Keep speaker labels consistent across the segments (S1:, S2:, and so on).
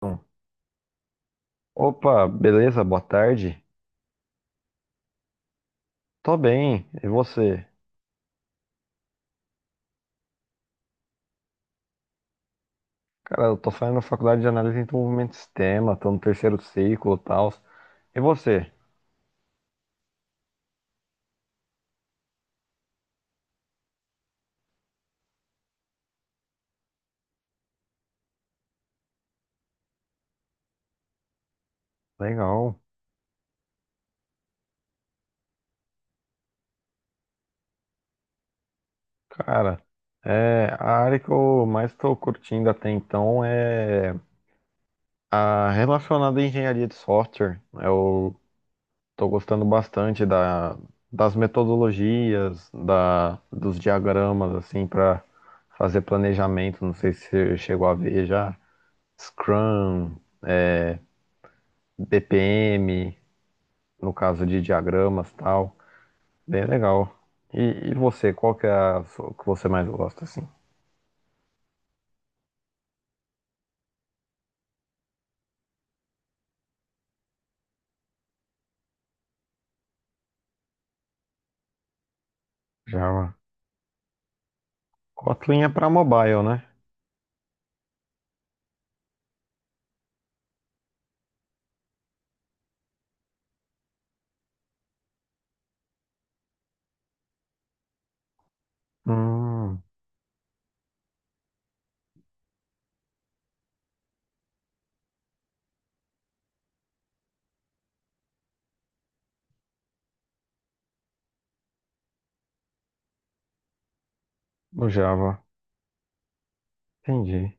S1: Então, opa, beleza? Boa tarde. Tô bem, e você? Cara, eu tô saindo da faculdade de análise e desenvolvimento de sistema, tô no terceiro ciclo e tal. E você? Legal. Cara, a área que eu mais tô curtindo até então é a relacionada à engenharia de software. Eu tô gostando bastante das metodologias, dos diagramas, assim, para fazer planejamento. Não sei se você chegou a ver já. Scrum. é, BPM, no caso de diagramas e tal. Bem legal. E você, qual que é que você mais gosta, assim? Java. Kotlin é para mobile, né? Hum, no Java. Entendi.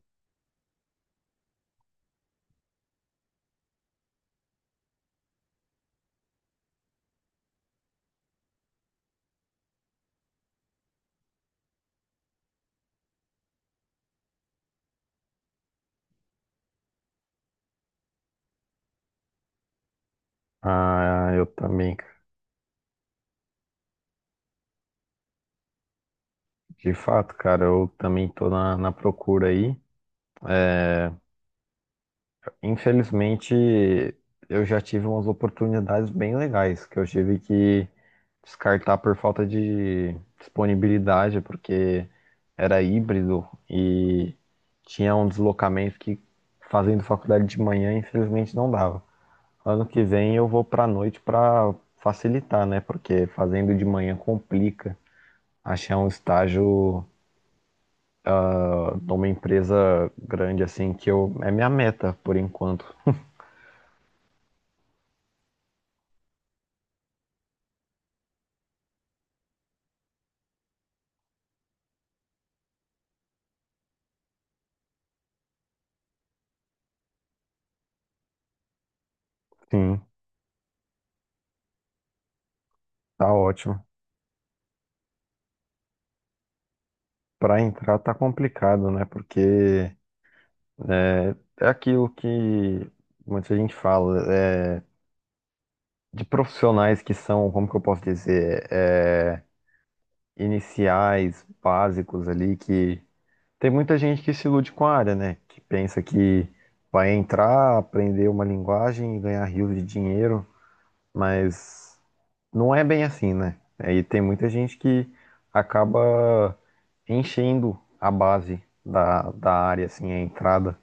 S1: Ah, eu também, cara. De fato, cara, eu também tô na procura aí. É, Infelizmente, eu já tive umas oportunidades bem legais que eu tive que descartar por falta de disponibilidade, porque era híbrido e tinha um deslocamento que fazendo faculdade de manhã, infelizmente não dava. Ano que vem eu vou pra noite pra facilitar, né? Porque fazendo de manhã complica achar um estágio numa empresa grande assim que eu é minha meta por enquanto. Sim, tá ótimo. Para entrar tá complicado, né? Porque é, é aquilo que muita gente fala, de profissionais que são, como que eu posso dizer, iniciais, básicos ali, que tem muita gente que se ilude com a área, né? Que pensa que vai entrar, aprender uma linguagem e ganhar rios de dinheiro, mas não é bem assim, né? Aí tem muita gente que acaba enchendo a base da área, assim, a entrada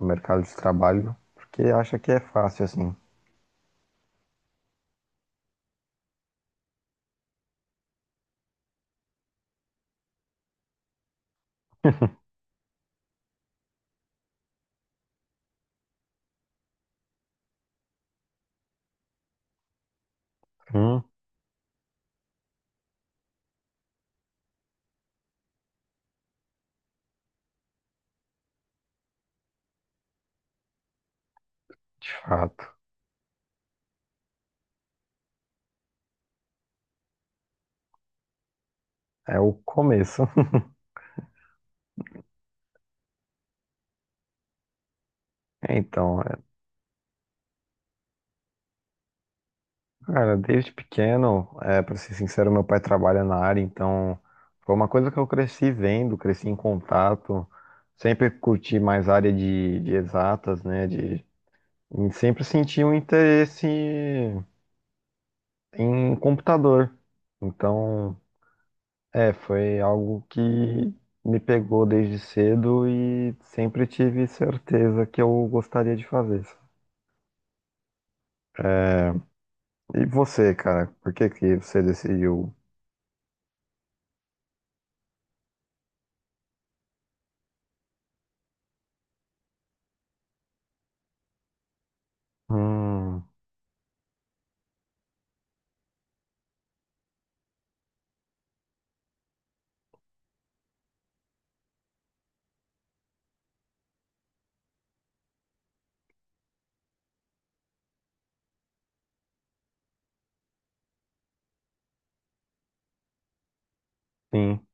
S1: no mercado de trabalho, porque acha que é fácil, assim. Hum, de fato. É o começo. Então, cara, desde pequeno, para ser sincero, meu pai trabalha na área, então foi uma coisa que eu cresci vendo, cresci em contato, sempre curti mais área de exatas, né? E sempre senti um interesse em computador. Então, foi algo que me pegou desde cedo e sempre tive certeza que eu gostaria de fazer. E você, cara, por que que você decidiu? Hum, sim,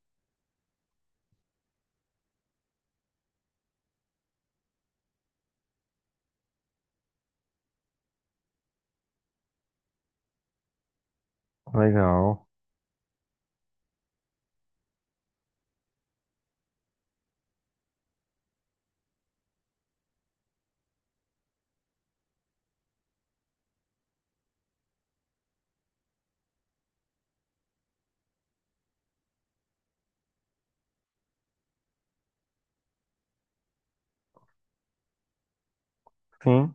S1: legal. Sim,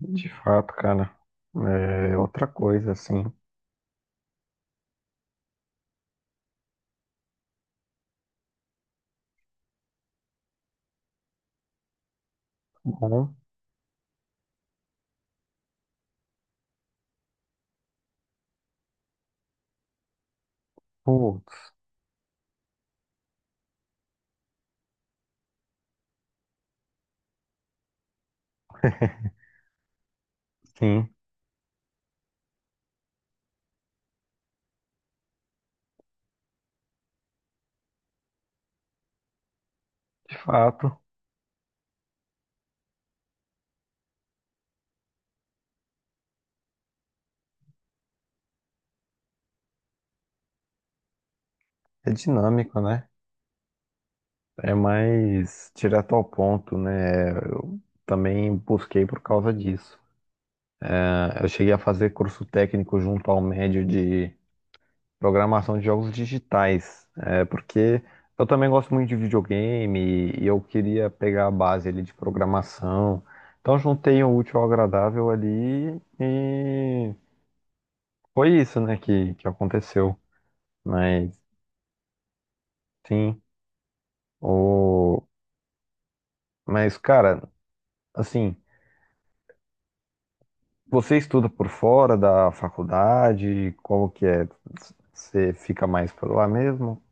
S1: de fato, cara. É outra coisa, assim. Bom, putz, sim, de fato. É dinâmico, né? É mais direto ao ponto, né? Eu também busquei por causa disso. Ah, eu cheguei a fazer curso técnico junto ao médio de programação de jogos digitais, porque eu também gosto muito de videogame e eu queria pegar a base ali de programação. Então juntei o útil ao agradável ali e foi isso, né, que aconteceu. Mas sim, o... mas cara, assim, você estuda por fora da faculdade, como que é? Você fica mais por lá mesmo?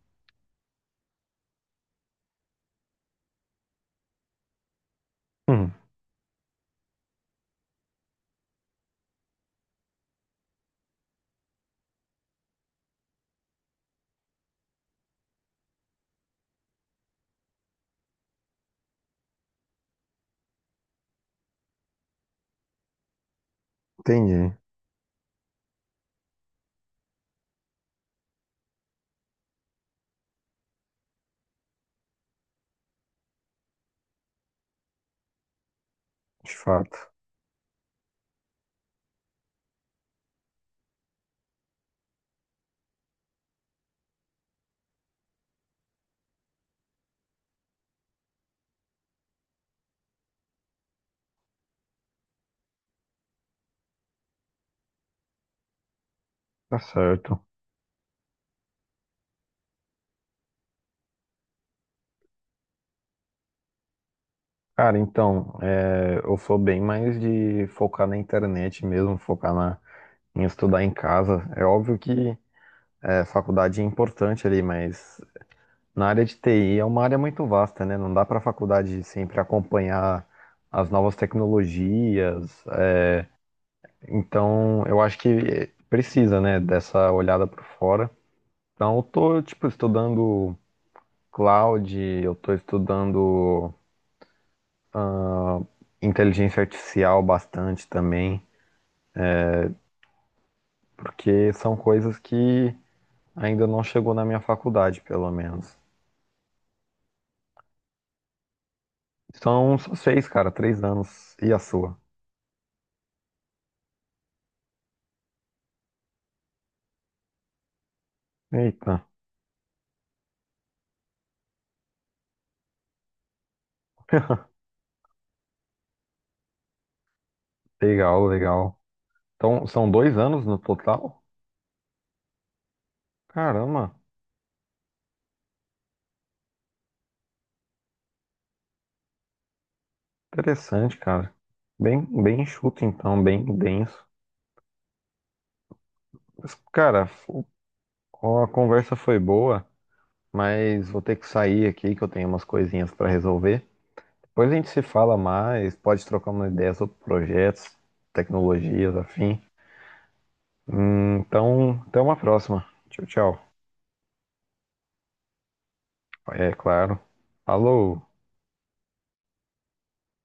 S1: Hum, entendi. De fato, tá certo. Cara, então, eu sou bem mais de focar na internet mesmo, focar em estudar em casa. É óbvio que faculdade é importante ali, mas na área de TI é uma área muito vasta, né? Não dá para faculdade sempre acompanhar as novas tecnologias. Então, eu acho que precisa, né, dessa olhada por fora. Então, eu tô, tipo, estudando cloud, eu tô estudando inteligência artificial bastante também, porque são coisas que ainda não chegou na minha faculdade, pelo menos. São só seis, cara, 3 anos. E a sua? Eita. Legal, legal. Então, são 2 anos no total? Caramba, interessante, cara. Bem, bem enxuto, então, bem denso. Mas, cara, a conversa foi boa, mas vou ter que sair aqui que eu tenho umas coisinhas para resolver. Depois a gente se fala mais, pode trocar uma ideia sobre projetos, tecnologias, afim. Então, até uma próxima. Tchau, tchau. É claro. Alô.